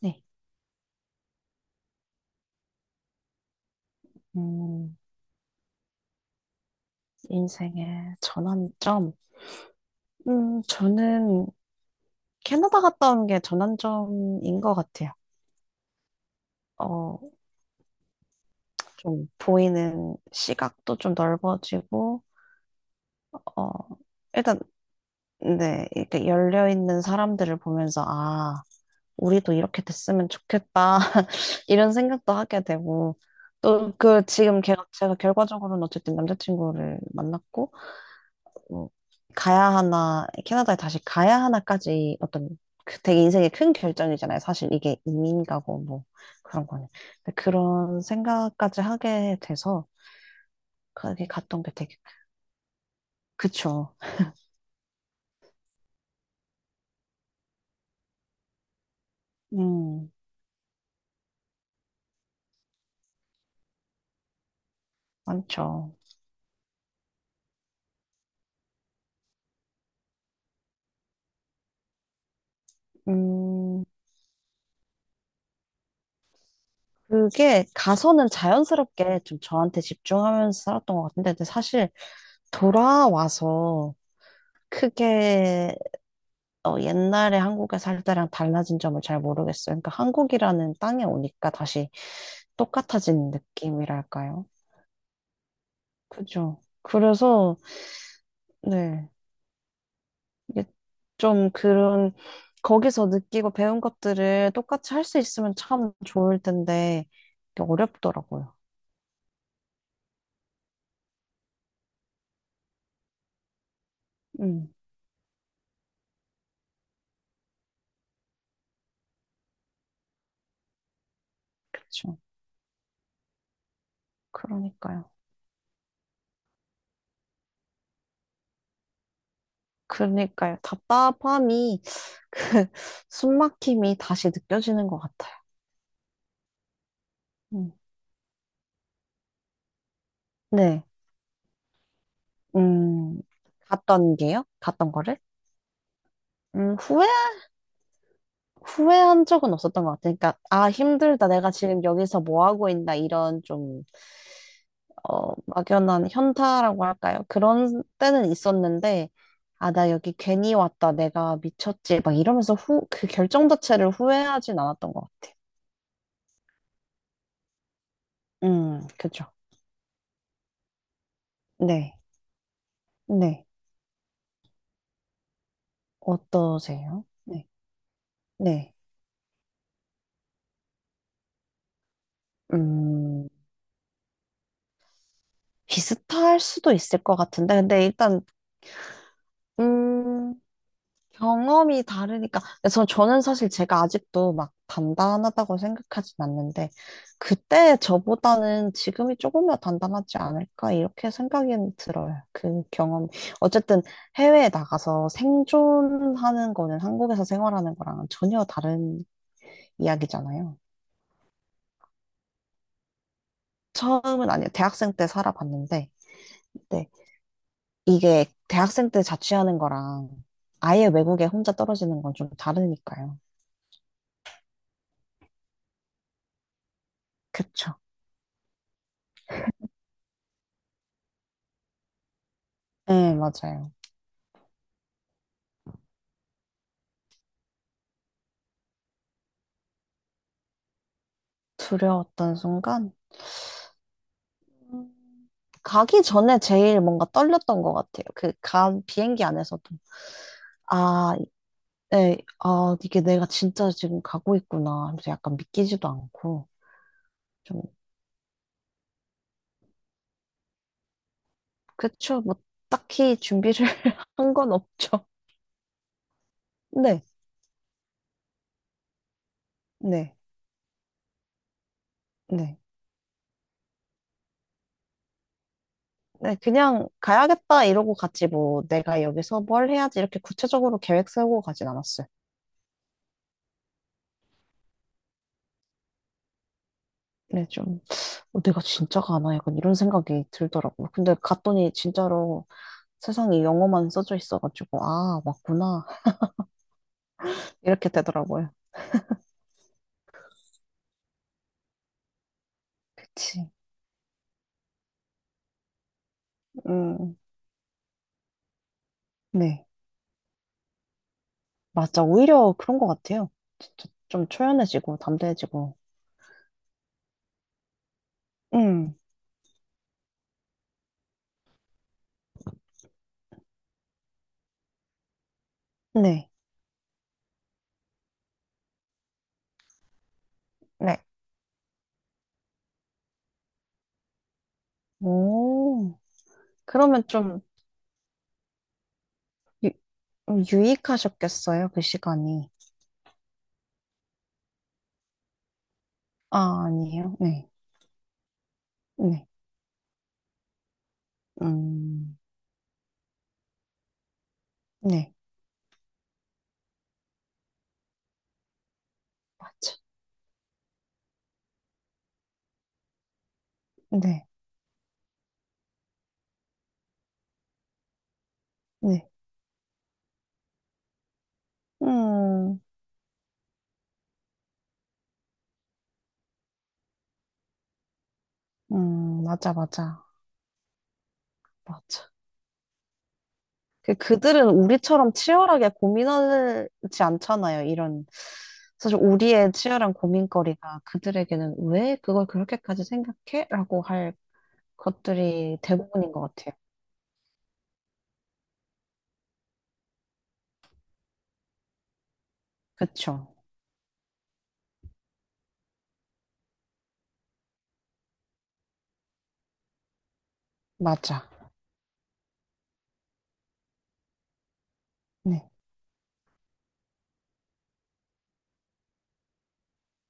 네. 음, 인생의 전환점. 저는 캐나다 갔다 온 게 전환점인 것 같아요. 어, 좀 보이는 시각도 좀 넓어지고, 어, 일단, 네, 이렇게 열려있는 사람들을 보면서, 아, 우리도 이렇게 됐으면 좋겠다. 이런 생각도 하게 되고, 또 그 지금 걔가, 제가 결과적으로는 어쨌든 남자친구를 만났고, 뭐 가야 하나, 캐나다에 다시 가야 하나까지 어떤 그 되게 인생의 큰 결정이잖아요. 사실 이게 이민 가고 뭐 그런 거는. 근데 그런 생각까지 하게 돼서 거기 갔던 게 되게, 그쵸. 음, 많죠. 음, 그게 가서는 자연스럽게 좀 저한테 집중하면서 살았던 것 같은데, 근데 사실 돌아와서 크게 옛날에 한국에 살 때랑 달라진 점을 잘 모르겠어요. 그러니까 한국이라는 땅에 오니까 다시 똑같아진 느낌이랄까요? 그죠. 그래서, 네. 이게 좀 그런, 거기서 느끼고 배운 것들을 똑같이 할 수 있으면 참 좋을 텐데, 이게 어렵더라고요. 음, 그쵸. 그러니까요. 그러니까요. 답답함이, 그, 숨막힘이 다시 느껴지는 것 같아요. 음. 네. 음, 갔던 게요? 갔던 거를? 후회, 후회한 적은 없었던 것 같아요. 그러니까, 아, 힘들다. 내가 지금 여기서 뭐 하고 있나. 이런 좀, 막연한 현타라고 할까요? 그런 때는 있었는데, 아, 나 여기 괜히 왔다. 내가 미쳤지. 막 이러면서 그 결정 자체를 후회하진 않았던 것 같아요. 그죠. 네. 네. 어떠세요? 네. 네. 음, 비슷할 수도 있을 것 같은데. 근데 일단, 음, 경험이 다르니까. 그래서 저는 사실 제가 아직도 막 단단하다고 생각하진 않는데, 그때 저보다는 지금이 조금 더 단단하지 않을까, 이렇게 생각이 들어요. 그 경험. 어쨌든 해외에 나가서 생존하는 거는 한국에서 생활하는 거랑은 전혀 다른 이야기잖아요. 처음은 아니에요. 대학생 때 살아봤는데, 네. 이게 대학생 때 자취하는 거랑 아예 외국에 혼자 떨어지는 건 좀 다르니까요. 그쵸. 네, 맞아요. 두려웠던 순간? 음, 가기 전에 제일 뭔가 떨렸던 것 같아요. 그, 간 비행기 안에서도. 아, 네, 아, 이게 내가 진짜 지금 가고 있구나 하면서 약간 믿기지도 않고. 좀, 그쵸. 뭐, 딱히 준비를 한 건 없죠. 네, 네, 네. 네, 그냥 가야겠다 이러고 갔지 뭐 내가 여기서 뭘 해야지 이렇게 구체적으로 계획 세우고 가진 않았어요. 네, 좀 내가 진짜 가나 약간 이런 생각이 들더라고요. 근데 갔더니 진짜로 세상에 영어만 써져 있어가지고, 아, 맞구나. 이렇게 되더라고요. 그치. 음, 네. 맞아. 오히려 그런 것 같아요. 진짜 좀 초연해지고, 담대해지고. 음, 네. 네. 오, 그러면 좀 유, 유익하셨겠어요, 그 시간이. 아, 아니에요. 네. 네. 음, 네. 맞아. 네. 네. 음, 맞아, 맞아. 맞아. 그들은 우리처럼 치열하게 고민하지 않잖아요. 이런 사실 우리의 치열한 고민거리가 그들에게는 왜 그걸 그렇게까지 생각해? 라고 할 것들이 대부분인 것 같아요. 그쵸? 맞아. 네.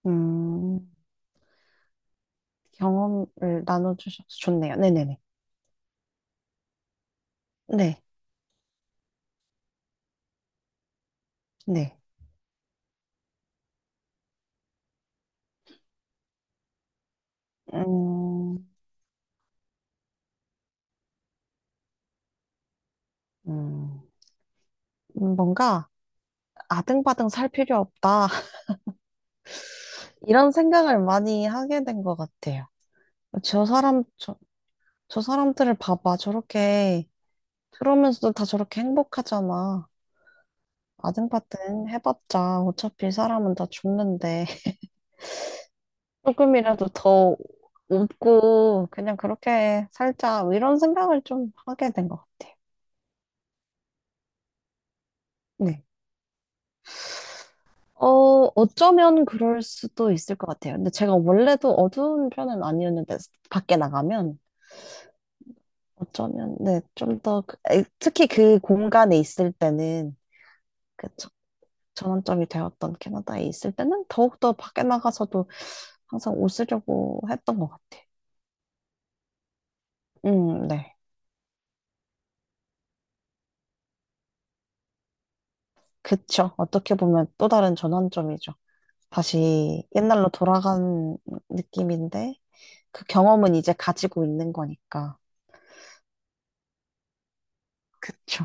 음, 경험을 나눠주셔서 좋네요. 네네네. 네. 네. 음, 음, 뭔가 아등바등 살 필요 없다. 이런 생각을 많이 하게 된 것 같아요. 저 사람, 저 사람들을 봐봐. 저렇게, 그러면서도 다 저렇게 행복하잖아. 아등바등 해봤자 어차피 사람은 다 죽는데 조금이라도 더 웃고 그냥 그렇게 살자. 뭐 이런 생각을 좀 하게 된 것 같아요. 네. 어, 어쩌면 그럴 수도 있을 것 같아요. 근데 제가 원래도 어두운 편은 아니었는데 밖에 나가면 어쩌면 네, 좀 더 에, 특히 그 공간에 있을 때는 그쵸. 전환점이 되었던 캐나다에 있을 때는 더욱더 밖에 나가서도 항상 웃으려고 했던 것 같아. 네. 그쵸. 어떻게 보면 또 다른 전환점이죠. 다시 옛날로 돌아간 느낌인데, 그 경험은 이제 가지고 있는 거니까. 그쵸.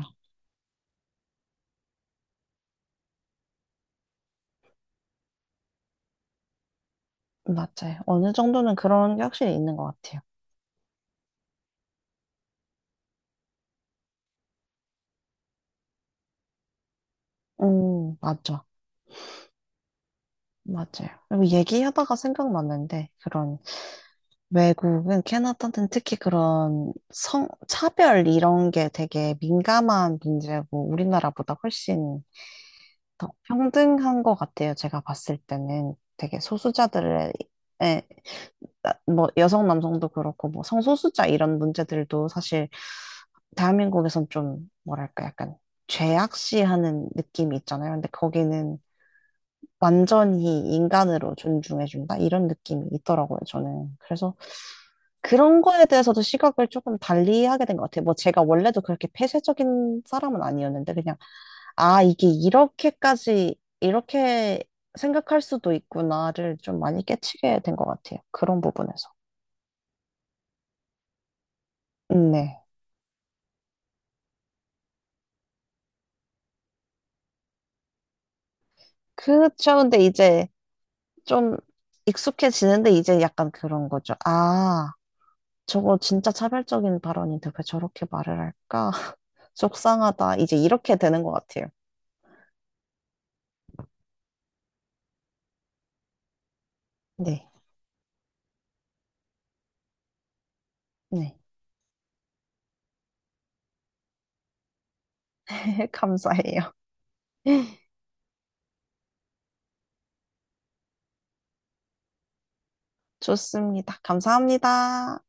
맞아요. 어느 정도는 그런 게 확실히 있는 것 같아요. 맞죠. 맞아요. 그리고 얘기하다가 생각났는데, 그런 외국은 캐나다는 특히 그런 성, 차별 이런 게 되게 민감한 문제고 우리나라보다 훨씬 더 평등한 것 같아요. 제가 봤을 때는 되게 소수자들의 에, 뭐 여성 남성도 그렇고 뭐 성소수자 이런 문제들도 사실 대한민국에선 좀 뭐랄까 약간 죄악시하는 느낌이 있잖아요. 근데 거기는 완전히 인간으로 존중해준다 이런 느낌이 있더라고요. 저는 그래서 그런 거에 대해서도 시각을 조금 달리 하게 된 것 같아요. 뭐 제가 원래도 그렇게 폐쇄적인 사람은 아니었는데 그냥 아 이게 이렇게까지 이렇게 생각할 수도 있구나를 좀 많이 깨치게 된 것 같아요. 그런 부분에서. 네. 그렇죠. 근데 이제 좀 익숙해지는데 이제 약간 그런 거죠. 아 저거 진짜 차별적인 발언인데 왜 저렇게 말을 할까? 속상하다. 이제 이렇게 되는 것 같아요. 네. 네. 감사해요. 좋습니다. 감사합니다.